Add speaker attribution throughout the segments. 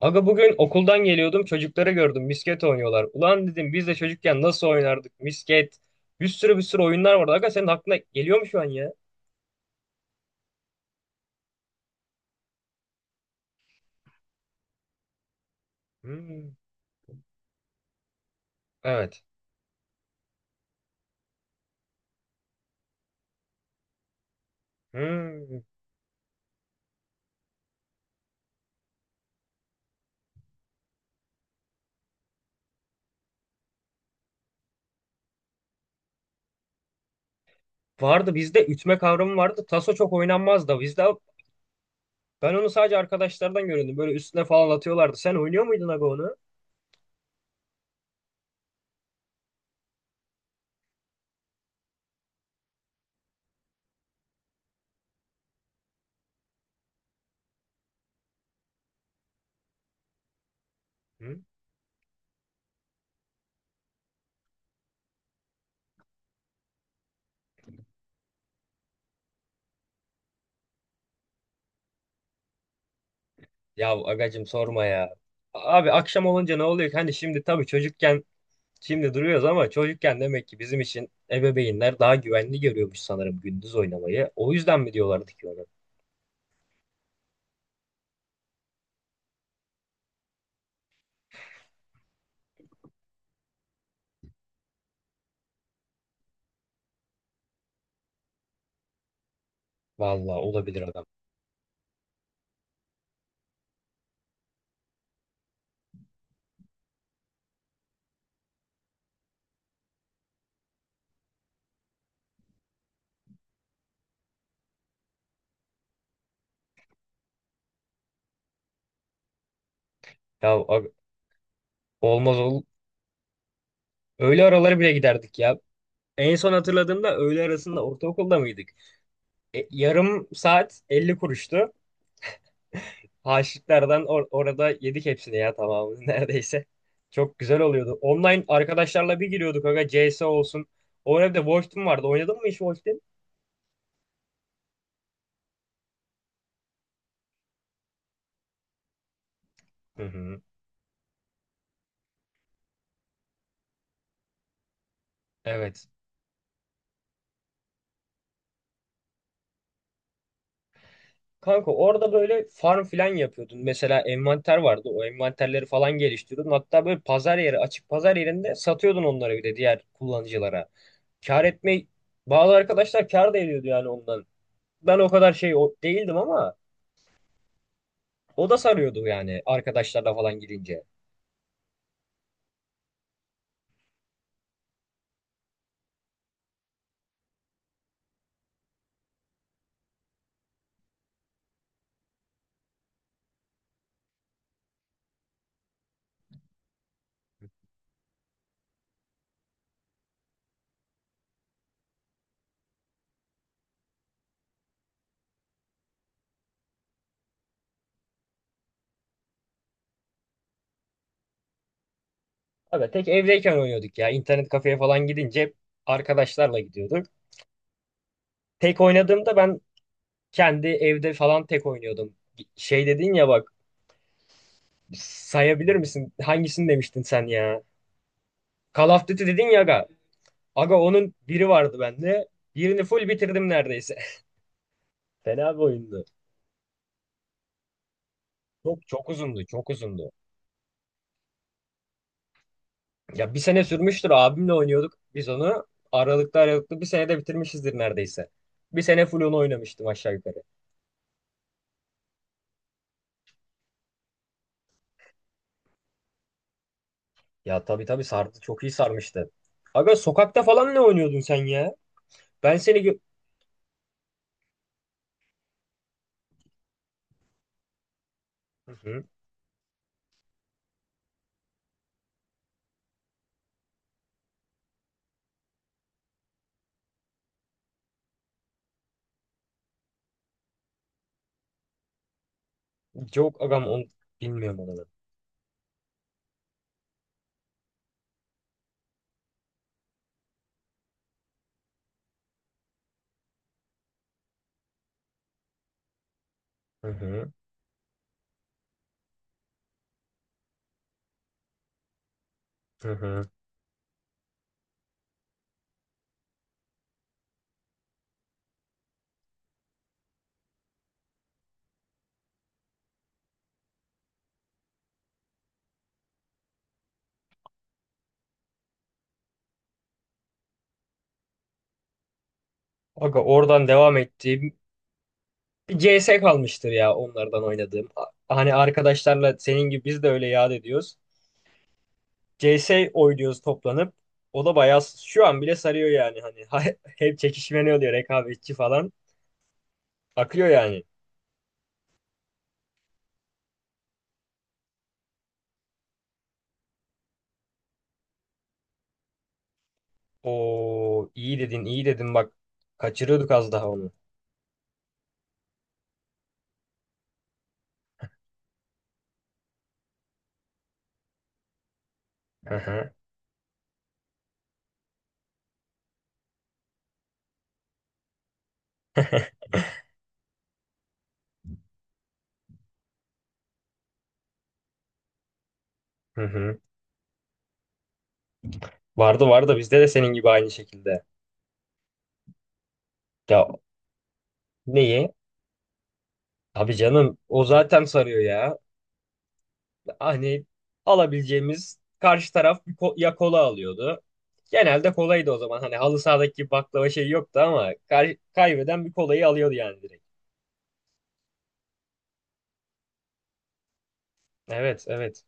Speaker 1: Aga bugün okuldan geliyordum, çocukları gördüm, misket oynuyorlar. Ulan dedim biz de çocukken nasıl oynardık misket. Bir sürü oyunlar vardı. Aga senin aklına geliyor mu şu an ya? Hmm. Evet. Hmm. Vardı, bizde ütme kavramı vardı. Taso çok oynanmazdı. Bizde ben onu sadece arkadaşlardan görüyordum. Böyle üstüne falan atıyorlardı. Sen oynuyor muydun aga onu? Hı? Ya agacım sorma ya. Abi akşam olunca ne oluyor ki? Hani şimdi tabii çocukken, şimdi duruyoruz ama çocukken demek ki bizim için ebeveynler daha güvenli görüyormuş sanırım gündüz oynamayı. O yüzden mi diyorlardı ki ona? Vallahi olabilir adam. Ya abi, olmaz ol. Öğle araları bile giderdik ya. En son hatırladığımda öğle arasında ortaokulda mıydık? Yarım saat 50 kuruştu. Haşitlerden orada yedik hepsini ya tamamını neredeyse. Çok güzel oluyordu. Online arkadaşlarla bir giriyorduk aga, CS olsun. Orada bir de Wolfteam vardı. Oynadın mı hiç Wolfteam? Hı hı. Evet. Kanka orada böyle farm filan yapıyordun. Mesela envanter vardı. O envanterleri falan geliştiriyordun. Hatta böyle pazar yeri, açık pazar yerinde satıyordun onları bir de diğer kullanıcılara. Kar etme, bazı arkadaşlar kar da ediyordu yani ondan. Ben o kadar değildim ama o da sarıyordu yani arkadaşlarla falan gidince. Abi tek evdeyken oynuyorduk ya. İnternet kafeye falan gidince hep arkadaşlarla gidiyorduk. Tek oynadığımda ben kendi evde falan tek oynuyordum. Şey dedin ya bak, sayabilir misin? Hangisini demiştin sen ya? Call of Duty dedin ya aga. Aga onun biri vardı bende. Birini full bitirdim neredeyse. Fena bir oyundu. Çok uzundu. Ya bir sene sürmüştür, abimle oynuyorduk biz onu. Aralıklı bir senede bitirmişizdir neredeyse. Bir sene full onu oynamıştım aşağı yukarı. Ya tabii sardı, çok iyi sarmıştı. Aga sokakta falan ne oynuyordun sen ya? Ben seni gö- Hı hı. Yok agam onu bilmiyorum ben. Hı hı. Hı hı. Aga oradan devam ettim. CS kalmıştır ya onlardan oynadığım. Hani arkadaşlarla senin gibi biz de öyle yad ediyoruz. CS oynuyoruz toplanıp. O da bayağı şu an bile sarıyor yani, hani hep çekişme, ne oluyor, rekabetçi falan akıyor yani. O iyi dedin, bak, kaçırıyorduk az daha onu. Hı hı hı hı. Vardı bizde de senin gibi aynı şekilde. Ya, neyi? Abi canım o zaten sarıyor ya. Hani alabileceğimiz, karşı taraf bir ya kola alıyordu. Genelde kolaydı o zaman. Hani halı sahadaki gibi baklava şey yoktu ama kaybeden bir kolayı alıyordu yani direkt. Evet, evet.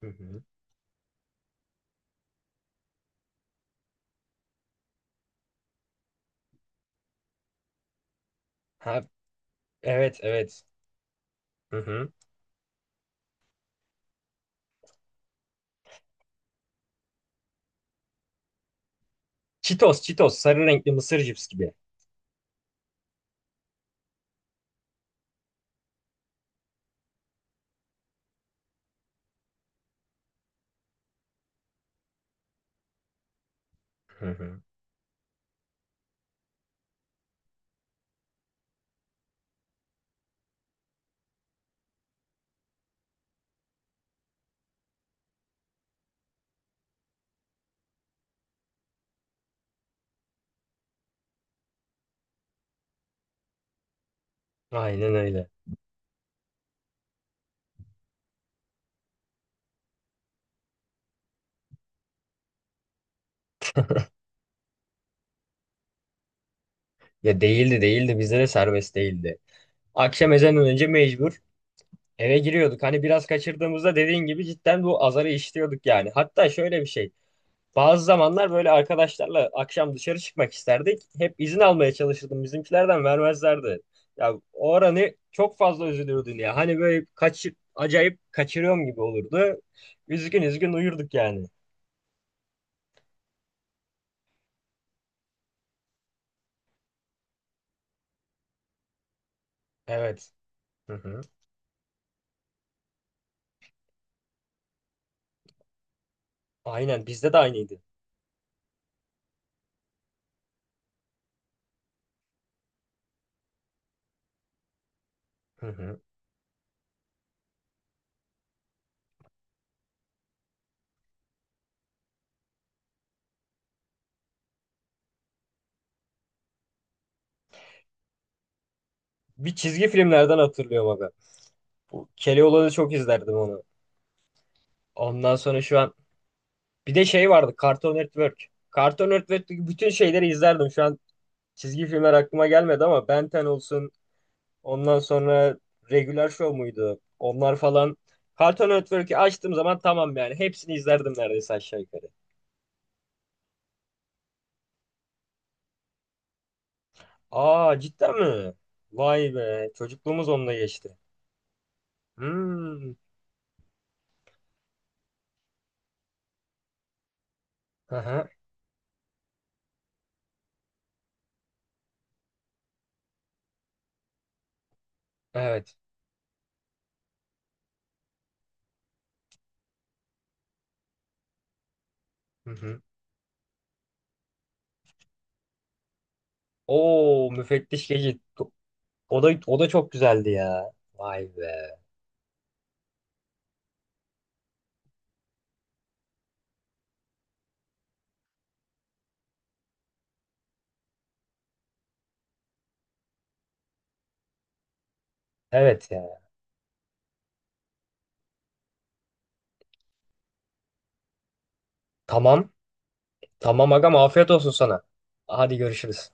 Speaker 1: Hı hı. Ha, evet, evet. Hı hı. Cheetos, Cheetos. Sarı renkli mısır cips gibi. Hı hı. Aynen öyle. Ya değildi. Bizde de serbest değildi. Akşam ezanından önce mecbur eve giriyorduk. Hani biraz kaçırdığımızda dediğin gibi cidden bu azarı işliyorduk yani. Hatta şöyle bir şey. Bazı zamanlar böyle arkadaşlarla akşam dışarı çıkmak isterdik. Hep izin almaya çalışırdım, bizimkilerden vermezlerdi. Ya o aranı çok fazla üzülürdün ya. Hani böyle acayip kaçırıyorum gibi olurdu. Üzgün üzgün uyurduk yani. Evet. Hı hı. Aynen, bizde de aynıydı. Hı hı. Bir çizgi filmlerden hatırlıyorum abi. Bu Keloğlan'ı çok izlerdim onu. Ondan sonra şu an bir de şey vardı, Cartoon Network. Cartoon Network'teki bütün şeyleri izlerdim. Şu an çizgi filmler aklıma gelmedi ama Ben 10 olsun, ondan sonra Regular Show muydu? Onlar falan. Cartoon Network'ü açtığım zaman tamam yani. Hepsini izlerdim neredeyse aşağı yukarı. Aa, cidden mi? Vay be. Çocukluğumuz onunla geçti. Hmm. Aha, evet. Hı hı. Oo, müfettiş Gecit. O da, o da çok güzeldi ya. Vay be. Evet ya. Tamam. Tamam agam, afiyet olsun sana. Hadi görüşürüz.